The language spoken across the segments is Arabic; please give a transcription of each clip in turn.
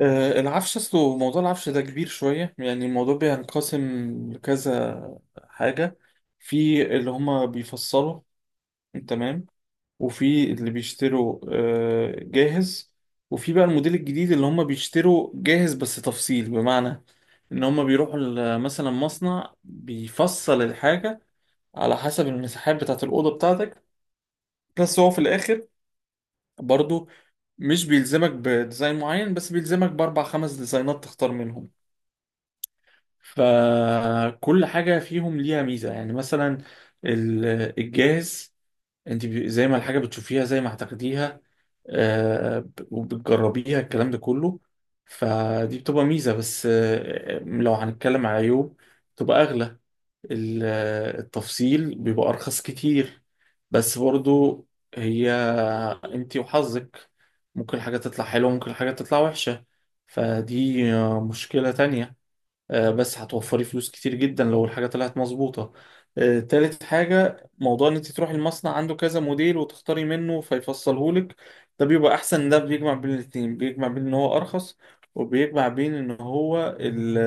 العفش اصله موضوع العفش ده كبير شوية، يعني الموضوع بينقسم لكذا حاجة. في اللي هما بيفصلوا، تمام، وفي اللي بيشتروا جاهز، وفي بقى الموديل الجديد اللي هما بيشتروا جاهز بس تفصيل، بمعنى ان هما بيروحوا مثلا مصنع بيفصل الحاجة على حسب المساحات بتاعة الأوضة بتاعتك. بس هو في الآخر برضو مش بيلزمك بديزاين معين، بس بيلزمك بأربع خمس ديزاينات تختار منهم. فكل حاجة فيهم ليها ميزة، يعني مثلا ال- الجاهز، انت زي ما الحاجة بتشوفيها زي ما هتاخديها، وبتجربيها الكلام ده كله. فدي بتبقى ميزة، بس لو هنتكلم على عيوب، بتبقى أغلى. التفصيل بيبقى أرخص كتير، بس برضو هي انت وحظك، ممكن حاجة تطلع حلوة، ممكن حاجة تطلع وحشة. فدي مشكلة تانية. بس هتوفري فلوس كتير جدا لو الحاجة طلعت مظبوطة. تالت حاجة، موضوع ان انت تروحي المصنع، عنده كذا موديل وتختاري منه فيفصلهولك. ده بيبقى احسن، ده بيجمع بين الاتنين، بيجمع بين ان هو ارخص، وبيجمع بين ان هو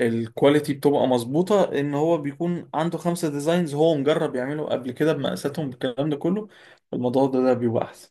الكواليتي بتبقى مظبوطة، ان هو بيكون عنده خمسة ديزاينز هو مجرب يعمله قبل كده بمقاساتهم بالكلام ده كله. الموضوع ده بيبقى احسن.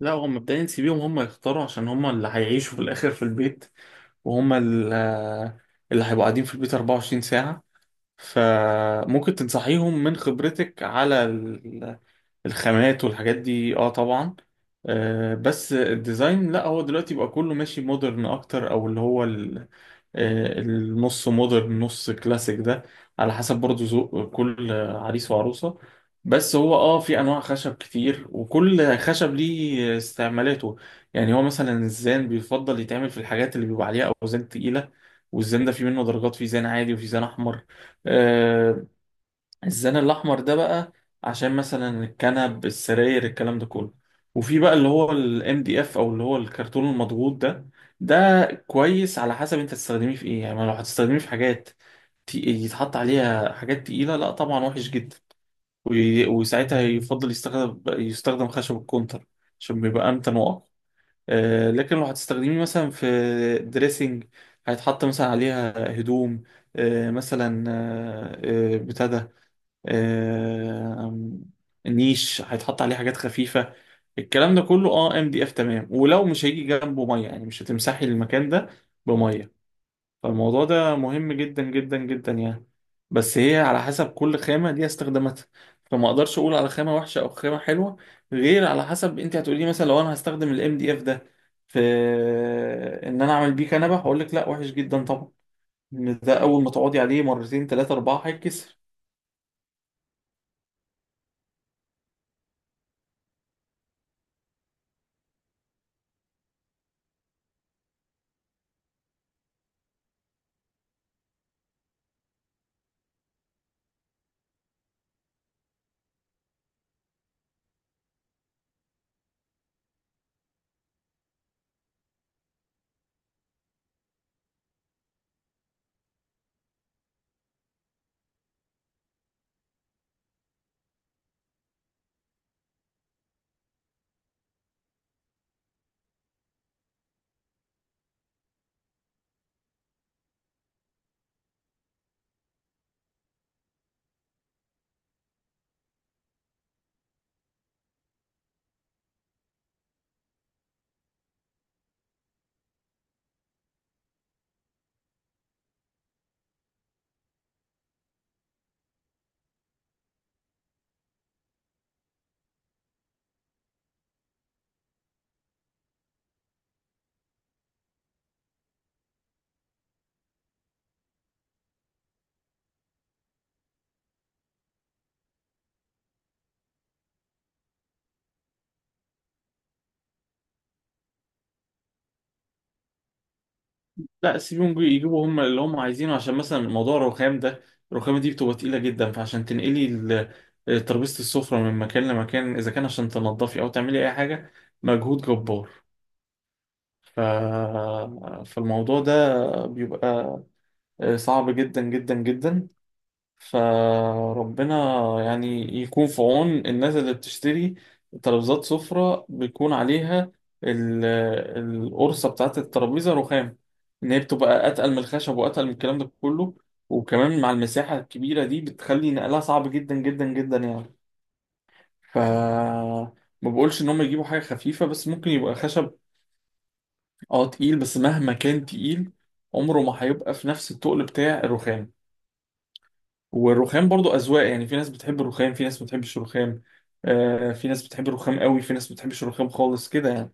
لا، هو مبدئيا سيبيهم هم يختاروا عشان هم اللي هيعيشوا في الاخر في البيت، وهم اللي هيبقوا قاعدين في البيت 24 ساعة. فممكن تنصحيهم من خبرتك على الخامات والحاجات دي، اه طبعا. بس الديزاين لا، هو دلوقتي بقى كله ماشي مودرن اكتر، او اللي هو النص مودرن نص كلاسيك ده، على حسب برضو ذوق كل عريس وعروسة. بس هو اه في انواع خشب كتير، وكل خشب ليه استعمالاته. يعني هو مثلا الزان بيفضل يتعمل في الحاجات اللي بيبقى عليها اوزان تقيلة. والزان ده في منه درجات، في زان عادي وفي زان احمر. آه، الزان الاحمر ده بقى عشان مثلا الكنب، السراير، الكلام ده كله. وفي بقى اللي هو الام دي اف، او اللي هو الكرتون المضغوط ده. ده كويس على حسب انت تستخدميه في ايه، يعني ما لو هتستخدميه في حاجات يتحط عليها حاجات تقيلة، لا طبعا وحش جدا. وساعتها يفضل يستخدم خشب الكونتر عشان بيبقى امتن واقوى. لكن لو هتستخدميه مثلا في دريسنج هيتحط مثلا عليها هدوم، آه، مثلا آه، آه، بتاع ده، آم، نيش هيتحط عليه حاجات خفيفة، الكلام ده كله اه ام دي اف، تمام. ولو مش هيجي جنبه ميه، يعني مش هتمسحي المكان ده بميه، فالموضوع ده مهم جدا جدا جدا يعني. بس هي على حسب كل خامة ليها استخداماتها، فما اقدرش اقول على خامة وحشة او خامة حلوة غير على حسب انت هتقولي لي. مثلا لو انا هستخدم الام دي اف ده في ان انا اعمل بيه كنبة، هقول لك لا وحش جدا طبعا، إن ده اول ما تقعدي عليه مرتين ثلاثة اربعة هيتكسر. لا، سيبهم يجيبوا هم اللي هم عايزينه، عشان مثلا موضوع الرخام ده، الرخامة دي بتبقى تقيلة جدا، فعشان تنقلي ترابيزة السفرة من مكان لمكان إذا كان عشان تنضفي أو تعملي أي حاجة، مجهود جبار. ف... فالموضوع ده بيبقى صعب جدا جدا جدا. فربنا يعني يكون في عون الناس اللي بتشتري ترابيزات سفرة بيكون عليها ال- القرصة بتاعت الترابيزة رخام، إن هي بتبقى أتقل من الخشب وأتقل من الكلام ده كله، وكمان مع المساحة الكبيرة دي بتخلي نقلها صعب جدا جدا جدا يعني. ف ما بقولش إن هم يجيبوا حاجة خفيفة، بس ممكن يبقى خشب اه تقيل، بس مهما كان تقيل عمره ما هيبقى في نفس التقل بتاع الرخام. والرخام برضو أذواق، يعني في ناس بتحب الرخام، في ناس ما بتحبش الرخام، آه في ناس بتحب الرخام قوي، في ناس ما بتحبش الرخام خالص كده يعني.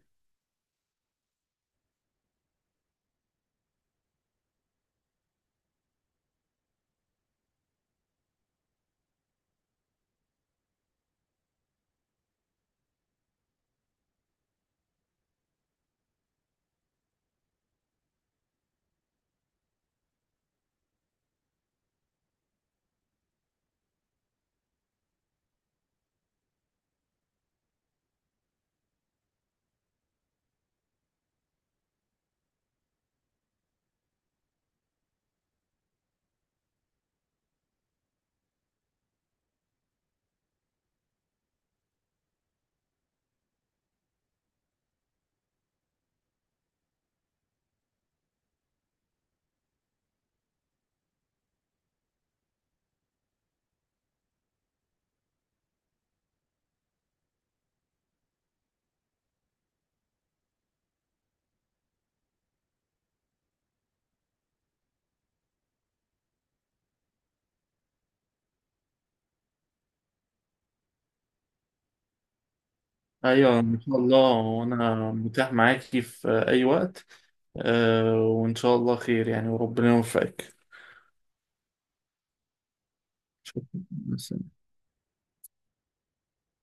ايوه ان شاء الله، وانا متاح معاكي في اي وقت. آه وان شاء الله خير يعني، وربنا يوفقك. شكراً.